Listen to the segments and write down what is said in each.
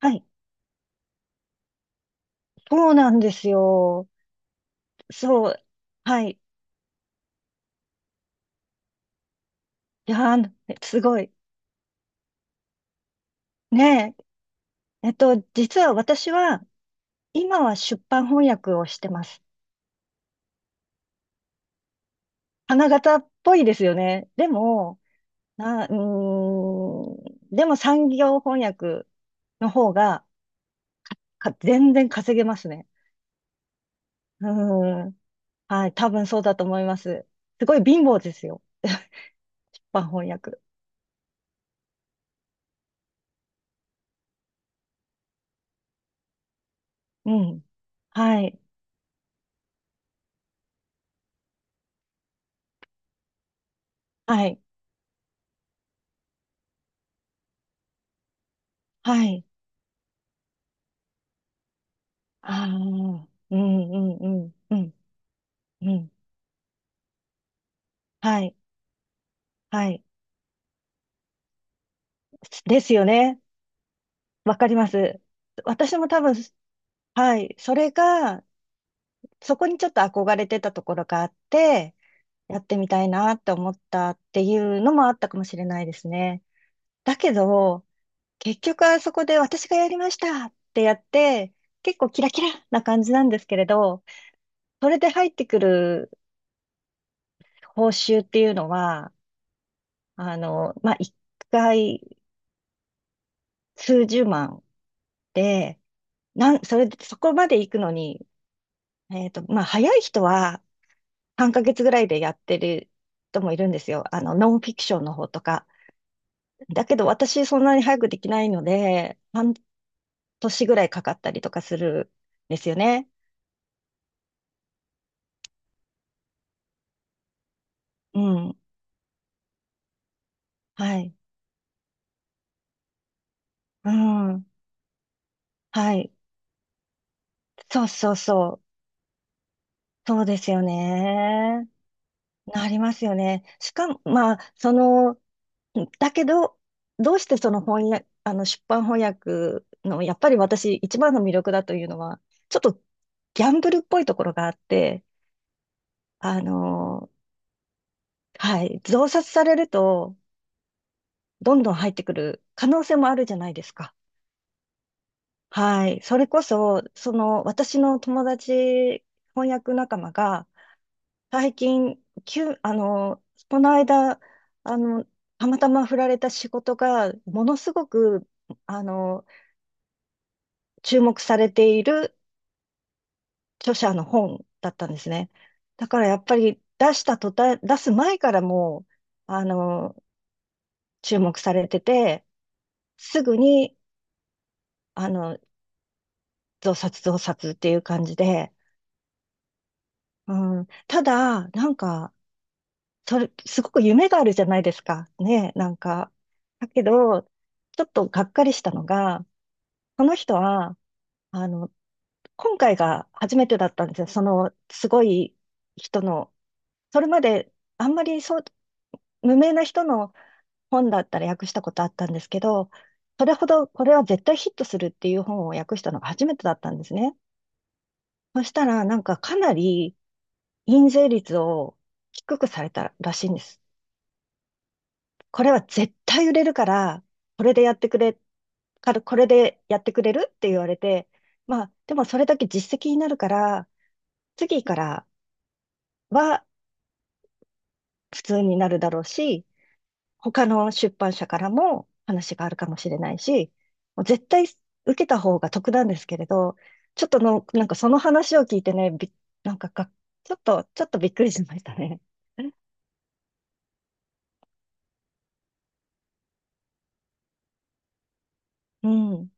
はい。そうなんですよ。そう。はい。いやー、ねすごい。ねえ。実は私は、今は出版翻訳をしてます。花形っぽいですよね。でも、な、うーん、でも産業翻訳の方が、全然稼げますね。うーん。はい。多分そうだと思います。すごい貧乏ですよ。出版翻訳。うん。はい。はい。はい。ああ。うんうんうんうん。うん。はい。はい。ですよね。わかります。私も多分、はい。それが、そこにちょっと憧れてたところがあって、やってみたいなって思ったっていうのもあったかもしれないですね。だけど、結局あそこで私がやりましたってやって、結構キラキラな感じなんですけれど、それで入ってくる報酬っていうのは、まあ、一回数十万で、それそこまで行くのに、まあ、早い人は半ヶ月ぐらいでやってる人もいるんですよ。ノンフィクションの方とか。だけど、私、そんなに早くできないので、半年ぐらいかかったりとかするんですよね。うん。はい。うん。はい。そうそうそう。そうですよね。なりますよね。しかも、まあ、その、だけど、どうしてその翻訳、出版翻訳の、やっぱり私一番の魅力だというのは、ちょっとギャンブルっぽいところがあって、あのはい、増刷されると、どんどん入ってくる可能性もあるじゃないですか。はい、それこそ、その私の友達、翻訳仲間が、最近、急、あのこの間、あの、たまたま振られた仕事が、ものすごく、あの注目されている著者の本だったんですね。だからやっぱり出した途端、出す前からもう、あの、注目されてて、すぐに、あの、増刷増刷っていう感じで、うん、ただ、なんか、それ、すごく夢があるじゃないですか。ね、なんか。だけど、ちょっとがっかりしたのが、この人は、あの、今回が初めてだったんですよ。その、すごい人の、それまで、あんまりそう、無名な人の本だったら訳したことあったんですけど、それほどこれは絶対ヒットするっていう本を訳したのが初めてだったんですね。そしたらなんかかなり印税率を低くされたらしいんです。これは絶対売れるから、これでやってくれ、からこれでやってくれるって言われて、まあでもそれだけ実績になるから、次からは普通になるだろうし、他の出版社からも話があるかもしれないし、もう絶対受けた方が得なんですけれど、ちょっとの、なんかその話を聞いてね、び、なんかが、ちょっとびっくりしましたね。うん。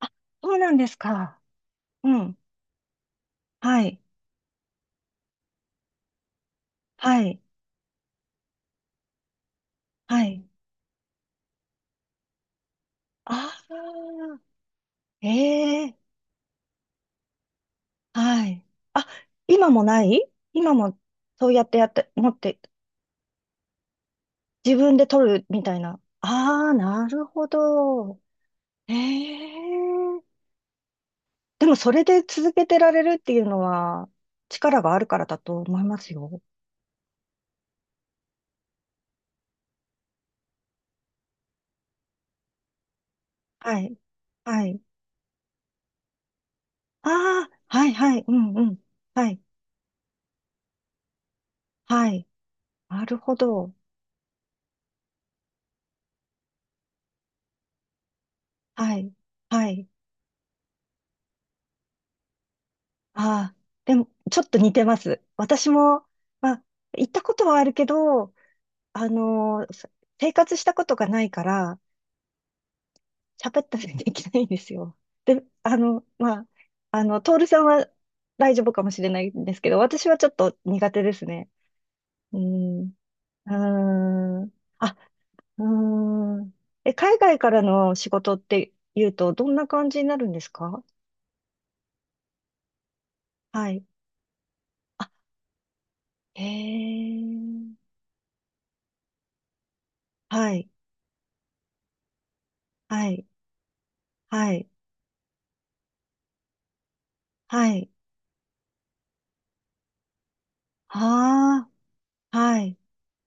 あ、そうなんですか。うん。はい。はい。はい。ああ、ええはい。あ、今もない今もそうやってやって、持って、自分で取るみたいな。ああ、なるほど。ええでもそれで続けてられるっていうのは力があるからだと思いますよ。はい。はい。ああ、はいはい。うんうん。はい。はい。なるほど。はい。はい。ああ、でもちょっと似てます。私も、まあ、行ったことはあるけど、あのーせ生活したことがないから、喋ったりできないんですよ。で、まあ、徹さんは大丈夫かもしれないんですけど、私はちょっと苦手ですね。うんうーん。あ、うーん。え、海外からの仕事って言うと、どんな感じになるんですか？はい。あ、へえ。はい。はい。はい。はい。ああ、はい。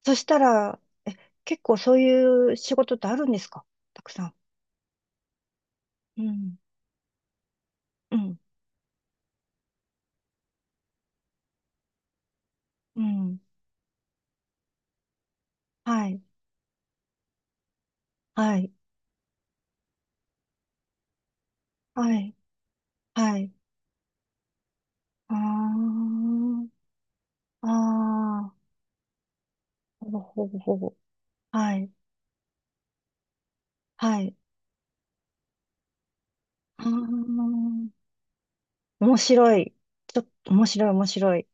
そしたら、え、結構そういう仕事ってあるんですか？たくさん。うん。うん。うん。はい。はい。はい。はい。ああ。ああ。ほぼほぼほぼ。はい。はい。ああ。面白い。ちょっと面白い、面白い。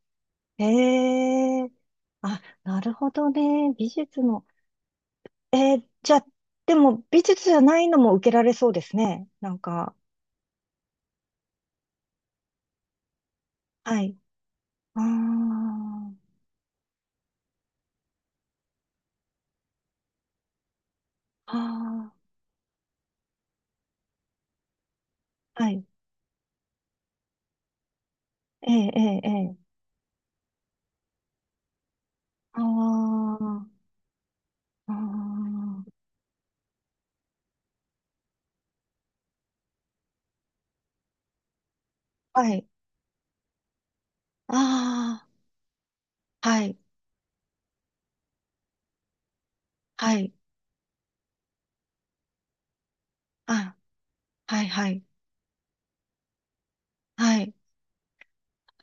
ええーあ、なるほどね。美術の。えー、じゃあ、でも美術じゃないのも受けられそうですね。なんか、はい。あーあー、はい。ええええええあーあーはい。ああ、はい。はい。あ、はい、はい。はい。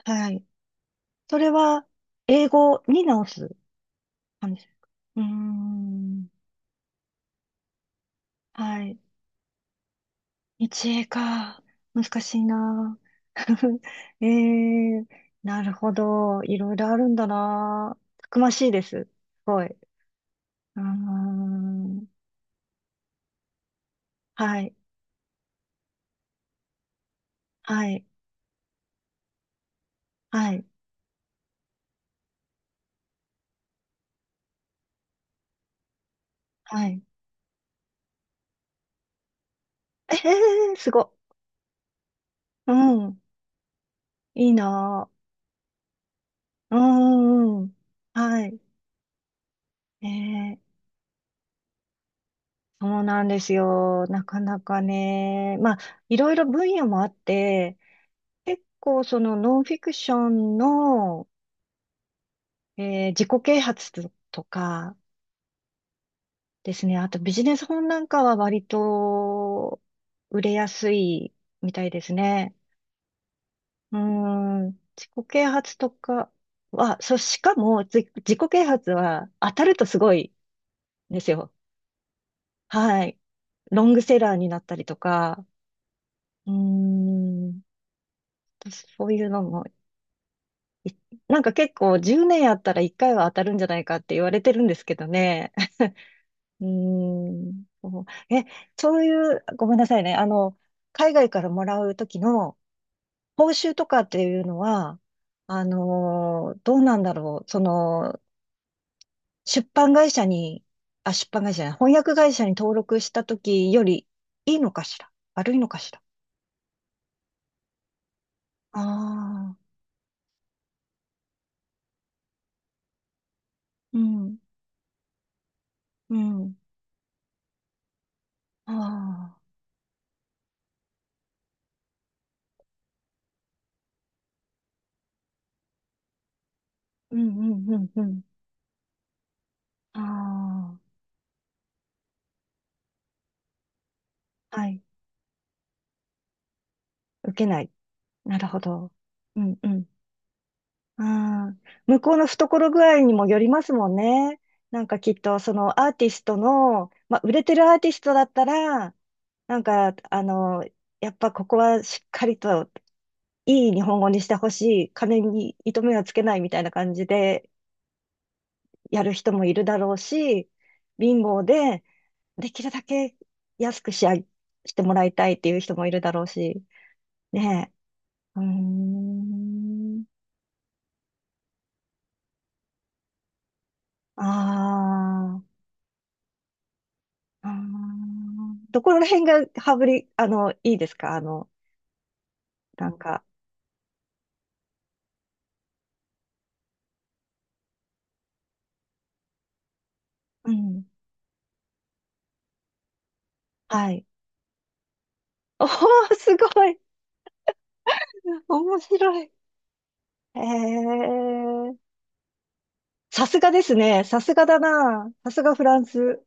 はい。それは、英語に直す感じですか？うーん。はい。一英か。難しいな。ええー、なるほど。いろいろあるんだな。たくましいです。すごい。うーん。はい。はい。はい。はい。ええー、すごっ。うん。いいな。うん。うんはい。ええそうなんですよ。なかなかね。まあ、いろいろ分野もあって、結構そのノンフィクションの、えー自己啓発とかですね。あとビジネス本なんかは割と売れやすいみたいですね。うーん、自己啓発とかは、そう、しかも自己啓発は当たるとすごいんですよ。はい。ロングセラーになったりとか、うーん、そういうのも、いなんか結構10年やったら1回は当たるんじゃないかって言われてるんですけどね。うーん。そうえ、そういう、ごめんなさいね。海外からもらうときの報酬とかっていうのは、どうなんだろう。その、出版会社に、あ、出版会社じゃない、翻訳会社に登録したときよりいいのかしら悪いのかしら？ああうん、うん、ああ、うん、うん、うん、うん。ああ、はい。受けない。なるほど。うん、うん。ああ、向こうの懐具合にもよりますもんね。なんかきっとそのアーティストの、まあ、売れてるアーティストだったら、なんかあの、やっぱここはしっかりといい日本語にしてほしい、金に糸目はつけないみたいな感じでやる人もいるだろうし、貧乏でできるだけ安く仕上げしてもらいたいっていう人もいるだろうし、ねえ。うーん。ああ。あーどこら辺が羽振り、いいですか？なんか。うん。はい。おー、すごい。面白い。えー、さすがですね。さすがだな。さすがフランス。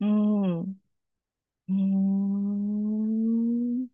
うん。うーん。